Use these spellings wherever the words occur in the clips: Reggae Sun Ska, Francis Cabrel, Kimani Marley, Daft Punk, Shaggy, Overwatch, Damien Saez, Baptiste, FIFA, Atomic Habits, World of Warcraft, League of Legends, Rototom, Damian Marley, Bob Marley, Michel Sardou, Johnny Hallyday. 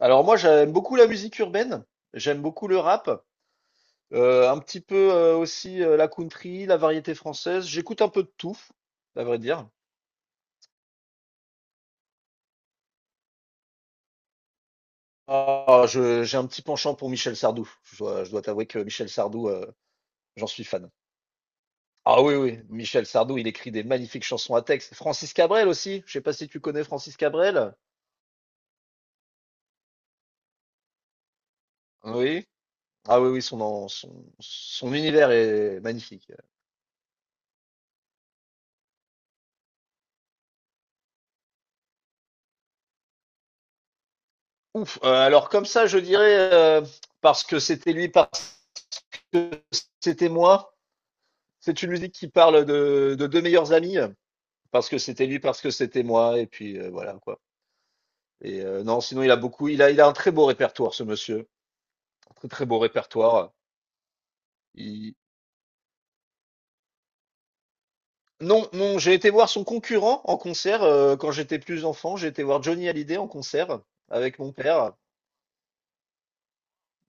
Alors moi, j'aime beaucoup la musique urbaine, j'aime beaucoup le rap, un petit peu aussi la country, la variété française. J'écoute un peu de tout, à vrai dire. J'ai un petit penchant pour Michel Sardou. Je dois t'avouer que Michel Sardou, j'en suis fan. Ah oui, oui, Michel Sardou, il écrit des magnifiques chansons à texte. Francis Cabrel aussi. Je sais pas si tu connais Francis Cabrel. Oui. Ah oui, oui, son univers est magnifique. Ouf. Alors comme ça, je dirais, parce que c'était lui c'était moi. C'est une musique qui parle de deux meilleurs amis, parce que c'était lui, parce que c'était moi, et puis voilà quoi. Et non, sinon il a un très beau répertoire, ce monsieur, un très très beau répertoire. Il- Non, non, j'ai été voir son concurrent en concert quand j'étais plus enfant. J'ai été voir Johnny Hallyday en concert avec mon père.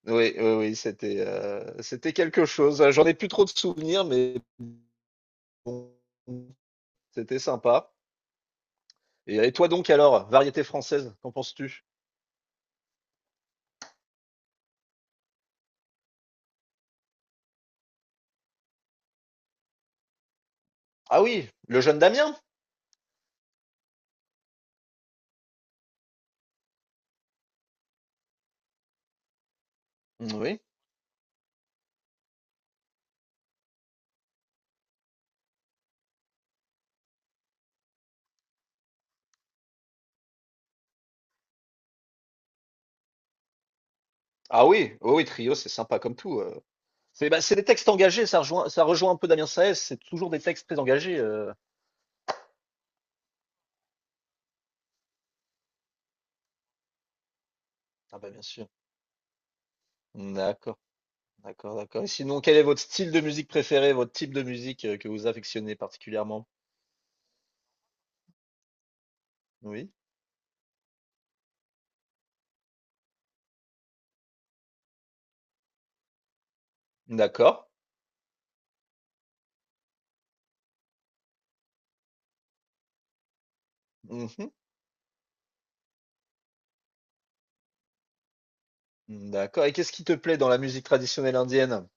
Oui, oui, oui, c'était quelque chose. J'en ai plus trop de souvenirs, mais bon, c'était sympa. Et toi donc alors, variété française, qu'en penses-tu? Ah oui, le jeune Damien? Mmh, oui. Ah oui, oui, oui, Trio, c'est sympa comme tout. C'est c'est des textes engagés, ça rejoint un peu Damien Saez, c'est toujours des textes très engagés. Ah bah bien sûr. D'accord, d'accord, d'accord. Et sinon, quel est votre style de musique préféré, votre type de musique que vous affectionnez particulièrement? Oui. D'accord. Mhm. D'accord. Et qu'est-ce qui te plaît dans la musique traditionnelle indienne?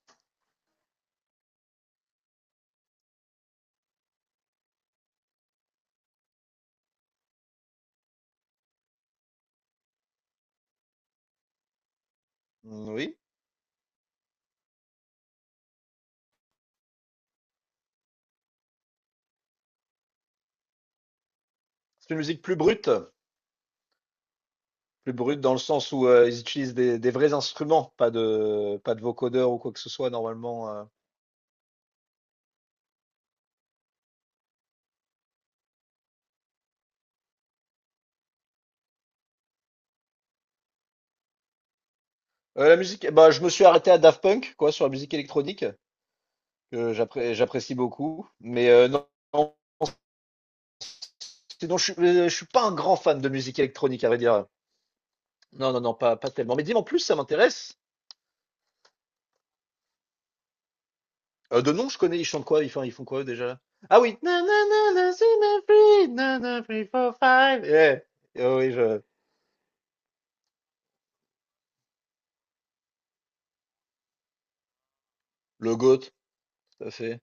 Mmh, oui. C'est une musique plus brute dans le sens où ils utilisent des vrais instruments, pas de vocodeurs ou quoi que ce soit normalement. La musique, bah, je me suis arrêté à Daft Punk, quoi, sur la musique électronique, que j'apprécie beaucoup. Mais non, non, sinon, je suis pas un grand fan de musique électronique, à vrai dire. Non, non, non, pas, pas tellement. Mais dis-moi en plus, ça m'intéresse. De nom, je connais, ils chantent quoi? Ils font quoi déjà? Ah oui! Na, na, na, na, na, free, four, five. Eh oui, je... Le GOAT, tout à fait.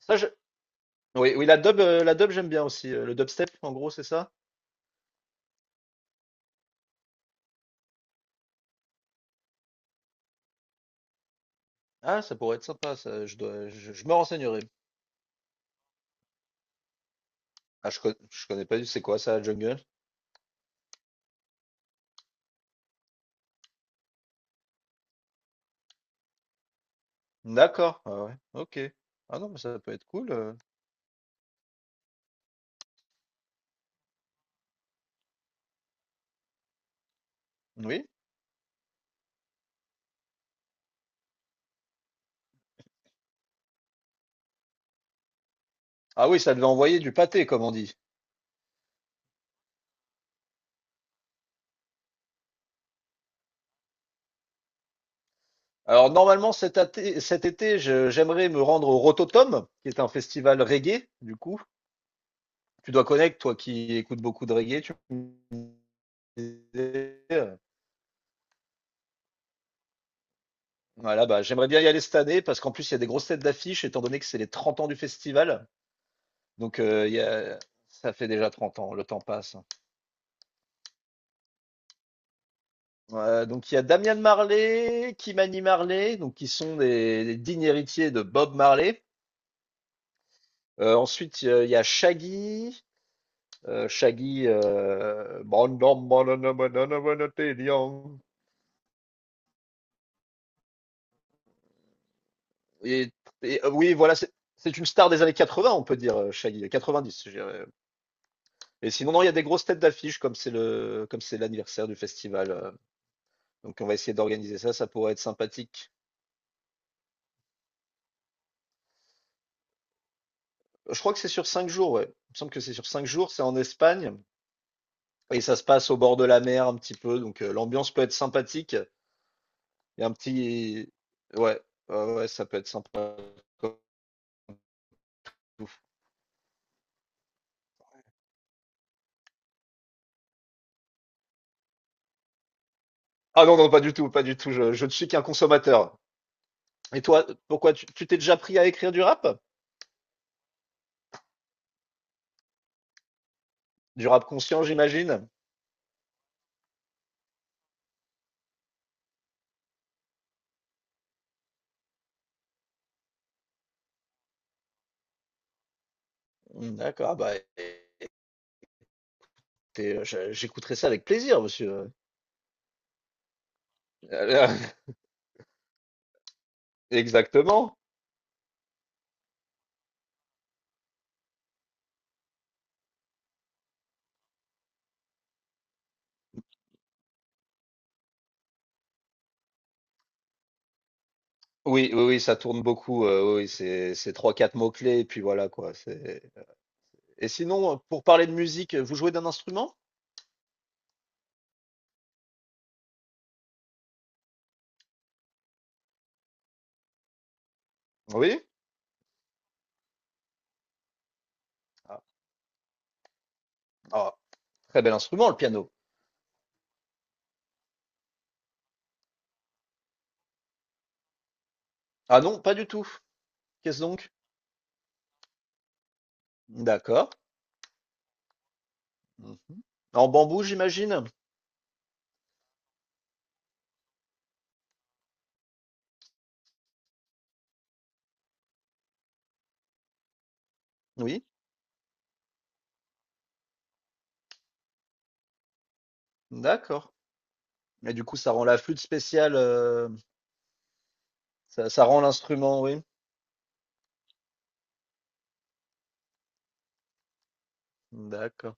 Ça, je... Oui, oui, la dub, j'aime bien aussi. Le dubstep, en gros, c'est ça? Ah, ça pourrait être sympa, ça. Je me renseignerai. Je connais pas du c'est quoi ça, la jungle? D'accord, ah ouais, ok. Ah non, mais ça peut être cool. Oui. Ah oui, ça devait envoyer du pâté, comme on dit. Alors normalement, cet été, j'aimerais me rendre au Rototom, qui est un festival reggae, du coup. Tu dois connaître, toi qui écoutes beaucoup de reggae, tu me disais, voilà, bah, j'aimerais bien y aller cette année, parce qu'en plus, il y a des grosses têtes d'affiche, étant donné que c'est les 30 ans du festival. Donc, il y a... ça fait déjà 30 ans, le temps passe, hein. Donc il y a Damian Marley, Kimani Marley, donc qui sont des dignes héritiers de Bob Marley. Ensuite il y a Shaggy, euh, Shaggy, euh, et, oui voilà c'est une star des années 80 on peut dire Shaggy, 90 je dirais. Et sinon non il y a des grosses têtes d'affiche comme c'est le comme c'est l'anniversaire du festival, donc on va essayer d'organiser ça, ça pourrait être sympathique. Je crois que c'est sur 5 jours, ouais. Il me semble que c'est sur cinq jours, c'est en Espagne. Et ça se passe au bord de la mer un petit peu, donc l'ambiance peut être sympathique. Il y a un petit... Ouais, ouais, ouais, ça peut être sympa. Ah non, non, pas du tout, pas du tout. Je ne suis qu'un consommateur. Et toi, pourquoi tu t'es déjà pris à écrire du rap? Du rap conscient, j'imagine? Hmm, d'accord, bah écoutez, j'écouterai ça avec plaisir, monsieur. Euh, Exactement. Oui, oui, oui, ça tourne beaucoup. Oui, oui, c'est trois, quatre mots-clés, et puis voilà quoi. Et sinon, pour parler de musique, vous jouez d'un instrument? Oui. Ah, très bel instrument, le piano. Ah non, pas du tout. Qu'est-ce donc? D'accord. Mhm. En bambou, j'imagine? Oui, d'accord. Et du coup, ça rend la flûte spéciale, ça, ça rend l'instrument, oui. D'accord.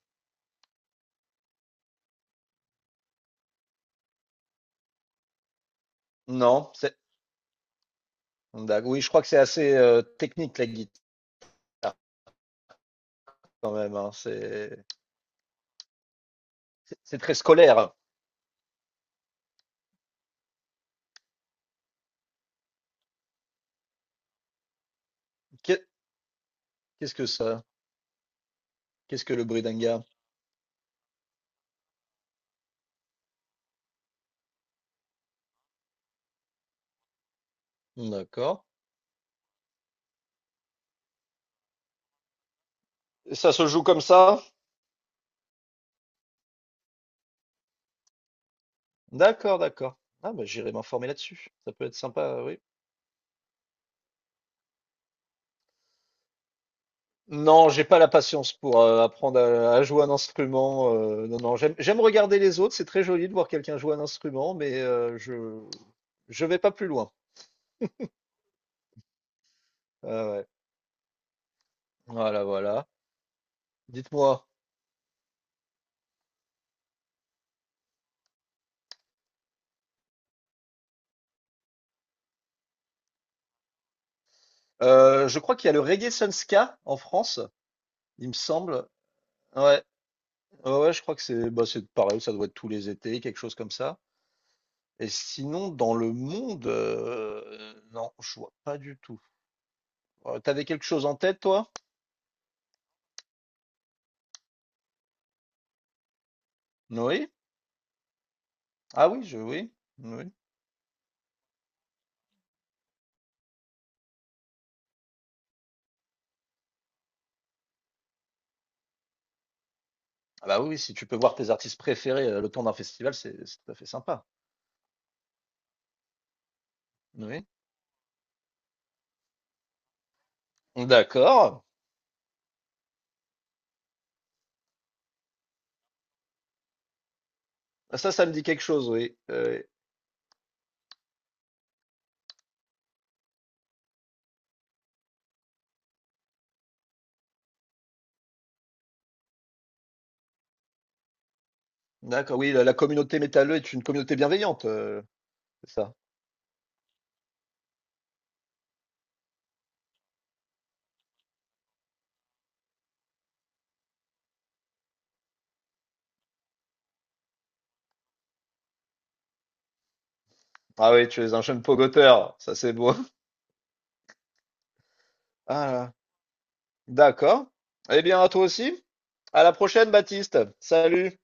Non, c'est... Oui, je crois que c'est assez technique, la guitare, quand même, hein. C'est très scolaire. Qu'est- Qu'est-ce que ça? Qu'est-ce que le bridanga? D'accord. Et ça se joue comme ça? D'accord, d'accord. Ah, bah, j'irai m'informer là-dessus. Ça peut être sympa, oui. Non, j'ai pas la patience pour apprendre à jouer un instrument. Non, non, j'aime, j'aime regarder les autres. C'est très joli de voir quelqu'un jouer un instrument, mais je vais pas plus loin. Ah ouais. Voilà, voilà. Dites-moi. Je crois qu'il y a le Reggae Sun Ska en France, il me semble. Ouais, ouais, ouais, je crois que c'est bah, c'est pareil. Ça doit être tous les étés, quelque chose comme ça. Et sinon, dans le monde, non, je vois pas du tout. T'avais quelque chose en tête, toi? Oui? Ah oui, je oui. Oui. Ah bah oui, si tu peux voir tes artistes préférés le temps d'un festival, c'est tout à fait sympa. Oui. D'accord. Ah, ça me dit quelque chose, oui. D'accord, oui, la communauté métalleux est une communauté bienveillante, c'est ça. Ah oui, tu es un jeune pogoteur, ça c'est beau. Ah, d'accord. Eh bien, à toi aussi. À la prochaine, Baptiste. Salut.